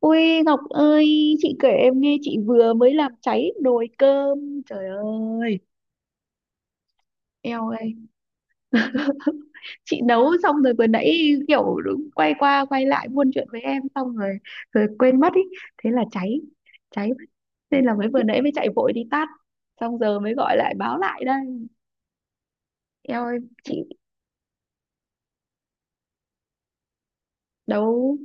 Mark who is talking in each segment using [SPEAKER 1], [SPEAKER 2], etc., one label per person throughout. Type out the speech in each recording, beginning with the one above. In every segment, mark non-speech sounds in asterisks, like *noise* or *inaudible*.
[SPEAKER 1] Ui Ngọc ơi, chị kể em nghe chị vừa mới làm cháy nồi cơm. Trời ơi, eo ơi. *laughs* Chị nấu xong rồi vừa nãy kiểu đúng quay qua quay lại buôn chuyện với em xong rồi rồi quên mất ý, thế là cháy. Cháy mất. Nên là mới vừa nãy mới chạy vội đi tắt. Xong giờ mới gọi lại báo lại đây. Eo ơi, chị nấu.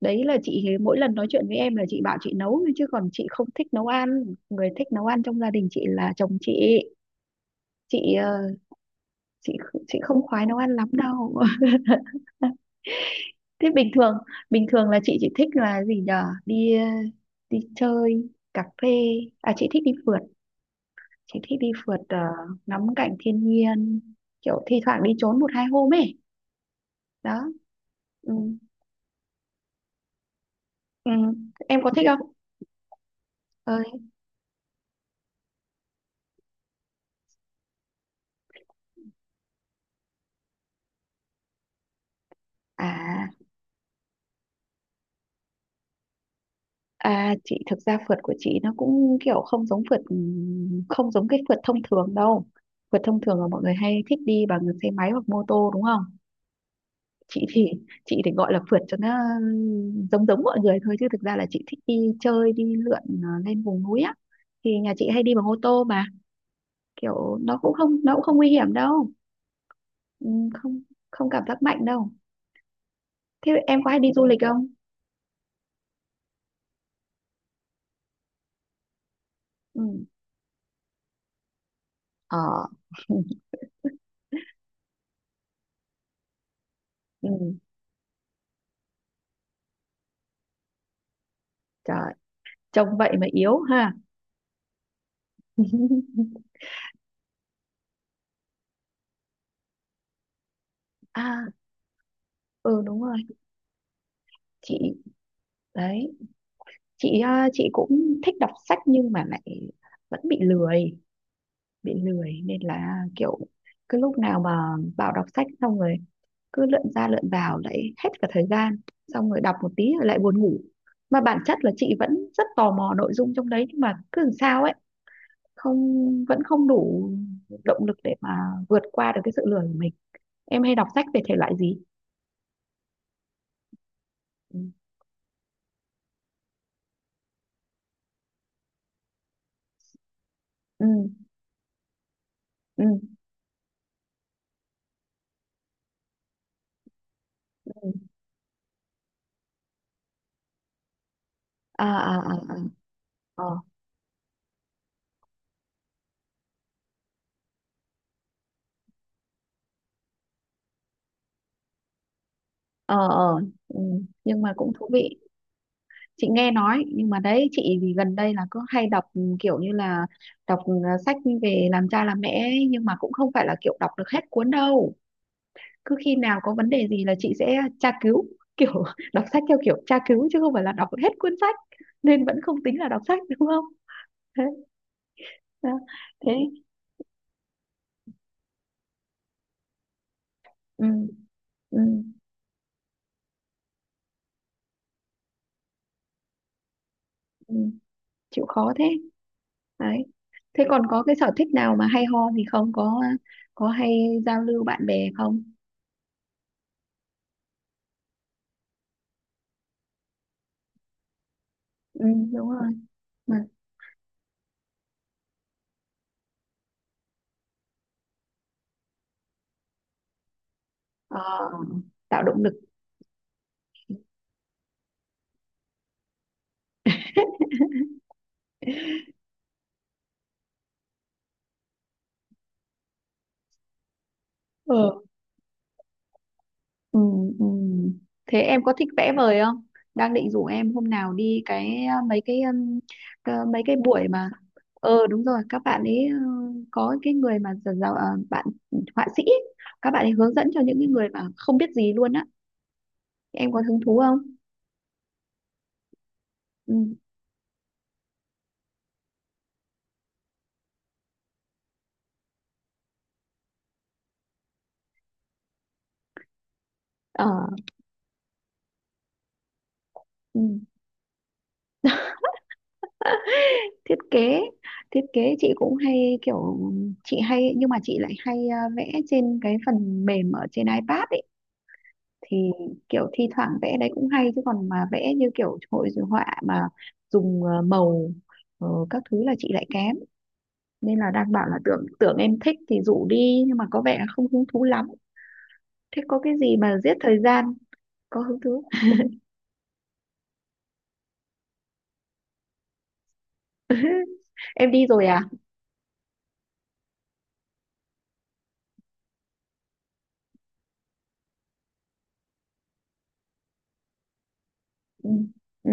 [SPEAKER 1] Đấy là chị mỗi lần nói chuyện với em là chị bảo chị nấu thôi chứ còn chị không thích nấu ăn. Người thích nấu ăn trong gia đình chị là chồng chị. Chị ờ, chị chị không khoái nấu ăn lắm đâu. *laughs* Thế bình thường là chị chỉ thích là gì nhở, đi đi chơi, cà phê. À chị thích đi phượt, chị thích đi phượt ờ, ngắm cảnh thiên nhiên, kiểu thi thoảng đi trốn một hai hôm ấy đó. Ừ. Ừ. Em có thích không? Ơi. À à, chị thực ra phượt của chị nó cũng kiểu không giống phượt, ừ, không giống cái phượt thông thường đâu. Phượt thông thường là mọi người hay thích đi bằng xe máy hoặc mô tô đúng không. Chị thì chị thì gọi là phượt cho nó giống giống mọi người thôi chứ thực ra là chị thích đi chơi đi lượn, ờ, lên vùng núi á, thì nhà chị hay đi bằng ô tô mà, kiểu nó cũng không nguy hiểm đâu. Ừ, không, không cảm giác mạnh đâu. Thế em có hay đi du lịch không? Ừ. Ờ. *laughs* Ừ. Trời, trông vậy mà yếu ha. *laughs* À, ừ đúng rồi. Chị. Đấy. Chị, à, chị cũng thích đọc sách nhưng mà lại vẫn bị lười, bị lười nên là kiểu cứ lúc nào mà vào đọc sách xong rồi cứ lượn ra lượn vào lại hết cả thời gian, xong rồi đọc một tí rồi lại buồn ngủ, mà bản chất là chị vẫn rất tò mò nội dung trong đấy nhưng mà cứ làm sao ấy, không vẫn không đủ động lực để mà vượt qua được cái sự lười của mình. Em hay đọc sách về thể loại gì? Ừ. Ừ. Ừ. Ừ. À, à, à, à. Ờ, ờ, ờ. Ừ. Nhưng mà cũng thú vị. Chị nghe nói nhưng mà đấy, chị thì gần đây là cứ hay đọc, ừ, kiểu như là đọc sách về làm cha làm mẹ ấy, nhưng mà cũng không phải là kiểu đọc được hết cuốn đâu. Cứ khi nào có vấn đề gì là chị sẽ tra cứu, *laughs* kiểu đọc sách theo kiểu tra cứu chứ không phải là đọc hết cuốn sách. Nên vẫn không tính là đọc sách đúng không. Thế à. Thế, ừ, ừ, ừ, chịu khó thế. Đấy, thế còn có cái sở thích nào mà hay ho gì không? Có có hay giao lưu bạn bè không? Ừ, đúng rồi. Ờ, tạo động lực. Ừ. Ừ, ừ. Thế em có thích vẽ vời không? Đang định rủ em hôm nào đi cái mấy cái buổi mà, ờ đúng rồi các bạn ấy, ờ, có cái người mà bạn họa sĩ ấy, các bạn ấy hướng dẫn cho những cái người mà không biết gì luôn á. Em có hứng thú không? Ừ. Ờ, ừ. Thiết kế thiết kế chị cũng hay kiểu, chị hay nhưng mà chị lại hay vẽ trên cái phần mềm ở trên iPad ấy, thì kiểu thi thoảng vẽ đấy cũng hay chứ còn mà vẽ như kiểu hội họa mà dùng màu, các thứ là chị lại kém, nên là đang bảo là tưởng tưởng em thích thì rủ đi nhưng mà có vẻ là không hứng thú lắm. Thế có cái gì mà giết thời gian? Có hứng thú. *laughs* Em đi rồi à? Ừ. Ừ.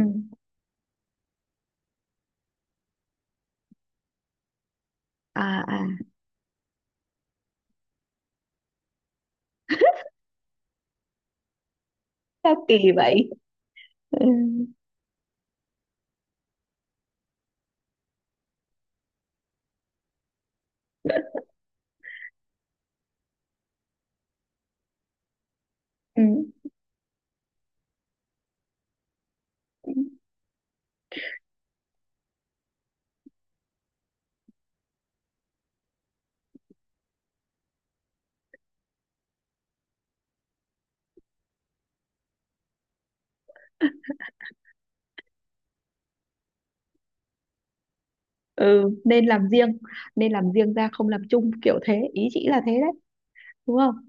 [SPEAKER 1] À, à, sao kỳ vậy? Ừ. Ừ. Ừ. Ừ, nên làm riêng, nên làm riêng ra, không làm chung, kiểu thế ý chị là thế đấy, đúng không?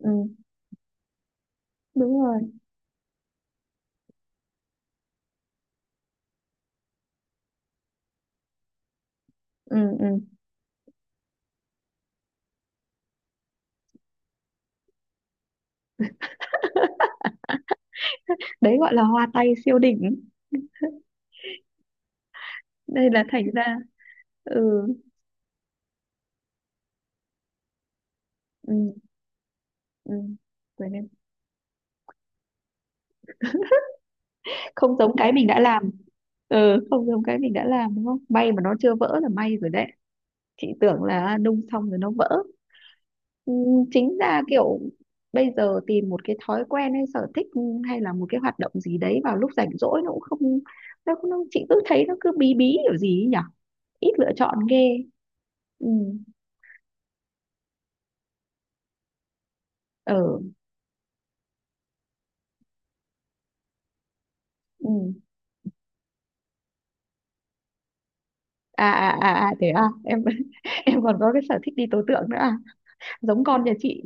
[SPEAKER 1] Ừ đúng rồi. Ừ. Ừ. *laughs* Đấy gọi là hoa tay siêu đỉnh. Đây là thành ra. Ừ. Ừ. Ừ. Quên em. Không giống cái mình đã làm. Ừ không giống cái mình đã làm đúng không, may mà nó chưa vỡ là may rồi đấy, chị tưởng là nung xong rồi nó vỡ. Ừ, chính ra kiểu bây giờ tìm một cái thói quen hay sở thích hay là một cái hoạt động gì đấy vào lúc rảnh rỗi nó cũng không, nó chị cứ thấy nó cứ bí bí kiểu gì ấy nhỉ, ít lựa chọn ghê. Ừ. Ừ. Ừ. À, à, à, à, thế à em. *laughs* Em còn có cái sở thích đi tố tượng nữa à? Giống con nhà chị.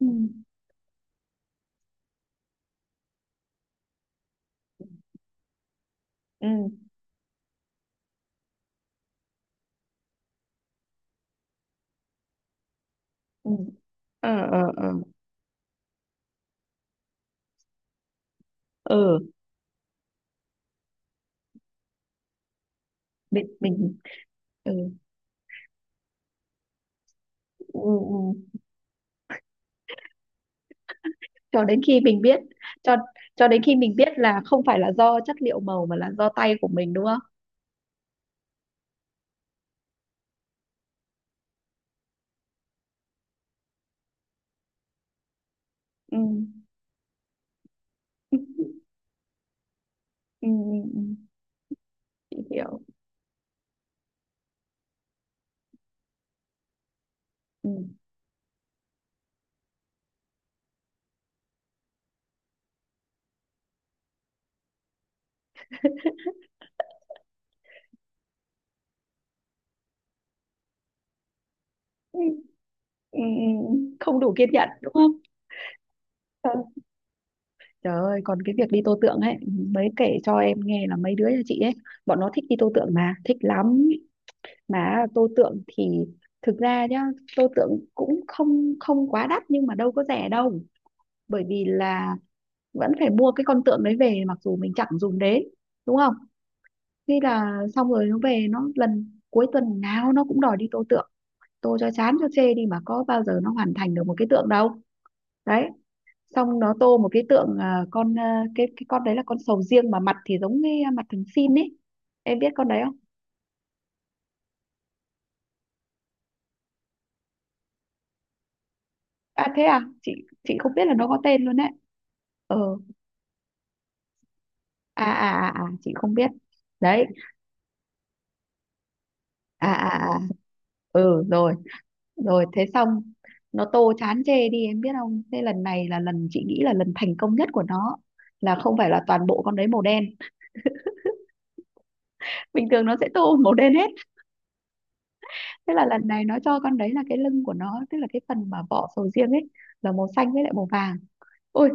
[SPEAKER 1] Ừ. Ừ. Ừ. Ờ, ờ, ờ, ờ. Mình. Ừ, ừ, ừ. Cho đến khi mình biết. Cho cho đến khi mình biết là không phải là do chất liệu màu mà là do tay của mình đúng không. Ừ. *laughs* Ừ. Ừ. Ừ. Chị hiểu. Ừ. Ừ. Ừ. Ừ. Không đủ kiên nhẫn đúng không. Trời, trời ơi, còn cái việc đi tô tượng ấy, mới kể cho em nghe là mấy đứa nhà chị ấy bọn nó thích đi tô tượng mà thích lắm, mà tô tượng thì thực ra nhá, tô tượng cũng không không quá đắt nhưng mà đâu có rẻ đâu, bởi vì là vẫn phải mua cái con tượng đấy về mặc dù mình chẳng dùng đến, đúng không? Thế là xong rồi nó về nó lần cuối tuần nào nó cũng đòi đi tô tượng, tô cho chán cho chê đi mà có bao giờ nó hoàn thành được một cái tượng đâu. Đấy, xong nó tô một cái tượng, à, con, à, cái con đấy là con sầu riêng mà mặt thì giống cái mặt thằng xin ấy, em biết con đấy không? À thế à, chị không biết là nó có tên luôn đấy. Ờ. À, à, à, à, chị không biết. Đấy. À, à, à, à. Ừ rồi. Rồi thế xong nó tô chán chê đi em biết không, thế lần này là lần chị nghĩ là lần thành công nhất của nó, là không phải là toàn bộ con đấy màu đen, bình thường nó sẽ tô *laughs* màu đen hết. Thế là lần này nó cho con đấy là cái lưng của nó tức là cái phần mà vỏ sầu riêng ấy là màu xanh với lại màu vàng. Ôi,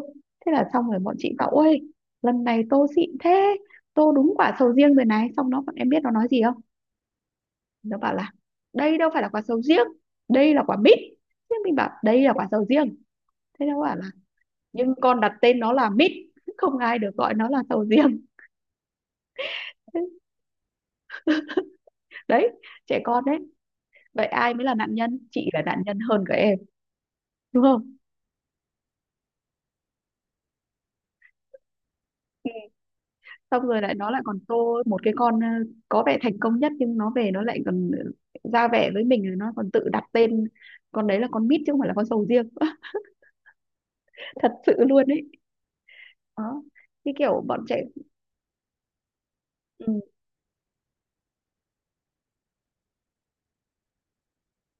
[SPEAKER 1] thế là xong rồi bọn chị bảo ôi lần này tô xịn thế, tô đúng quả sầu riêng rồi này, xong nó, bọn em biết nó nói gì không, nó bảo là đây đâu phải là quả sầu riêng, đây là quả mít. Thế mình bảo đây là quả sầu riêng, thế nó bảo là nhưng con đặt tên nó là mít, không ai được gọi nó là sầu riêng. *laughs* Đấy, trẻ con đấy. Vậy ai mới là nạn nhân, chị là nạn nhân hơn cả em, đúng không? Ừ. Xong rồi lại nó lại còn tô một cái con, có vẻ thành công nhất nhưng nó về nó lại còn ra vẻ với mình rồi nó còn tự đặt tên con đấy là con mít chứ không phải là con sầu riêng. *laughs* Thật sự luôn đấy. Đó, cái kiểu bọn trẻ. Ừ,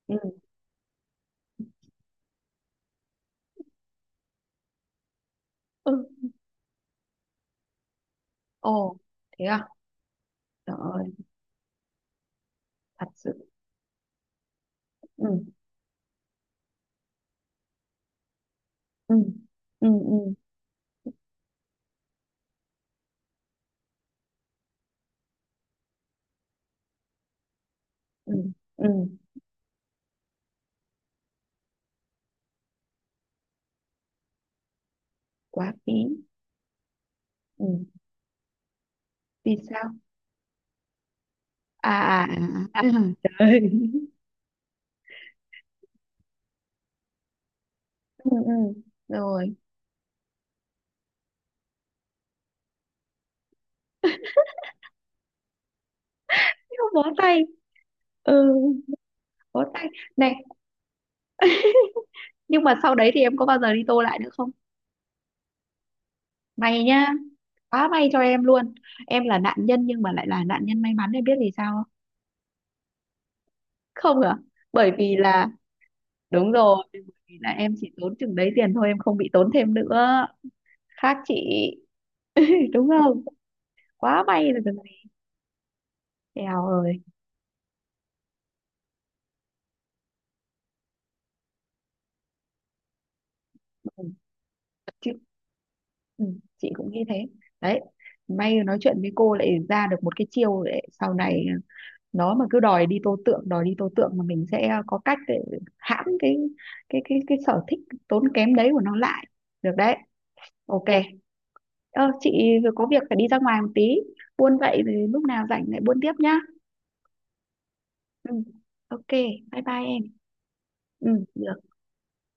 [SPEAKER 1] ừ, ừ. Ồ, thế à? Trời ơi, thật sự. Ừ, ừ, ừ, ừ, ừ, ừ, quá phí. Ừ, vì sao? À, à, à, à, *laughs* trời ơi. Ừ, ừ, rồi. Thế mà bó tay. Ừ, bó tay. Này, nhưng mà sau đấy thì em có bao giờ đi tô lại nữa không? May nhá, quá may cho em luôn. Em là nạn nhân nhưng mà lại là nạn nhân may mắn, em biết vì sao không? Không à? Bởi vì là, đúng rồi, bởi vì là em chỉ tốn chừng đấy tiền thôi, em không bị tốn thêm nữa. Khác chị. Đúng không? Quá may là được gì. Eo ơi. Ừ, chị. Ừ, chị cũng nghĩ thế. Đấy, may nói chuyện với cô lại ra được một cái chiêu để sau này, ờ, nó mà cứ đòi đi tô tượng đòi đi tô tượng mà mình sẽ có cách để hãm cái, cái sở thích tốn kém đấy của nó lại, được đấy. OK, ờ, chị vừa có việc phải đi ra ngoài một tí, buôn vậy thì lúc nào rảnh lại buôn tiếp nhá. Ừ. OK, bye bye em. Ừ được.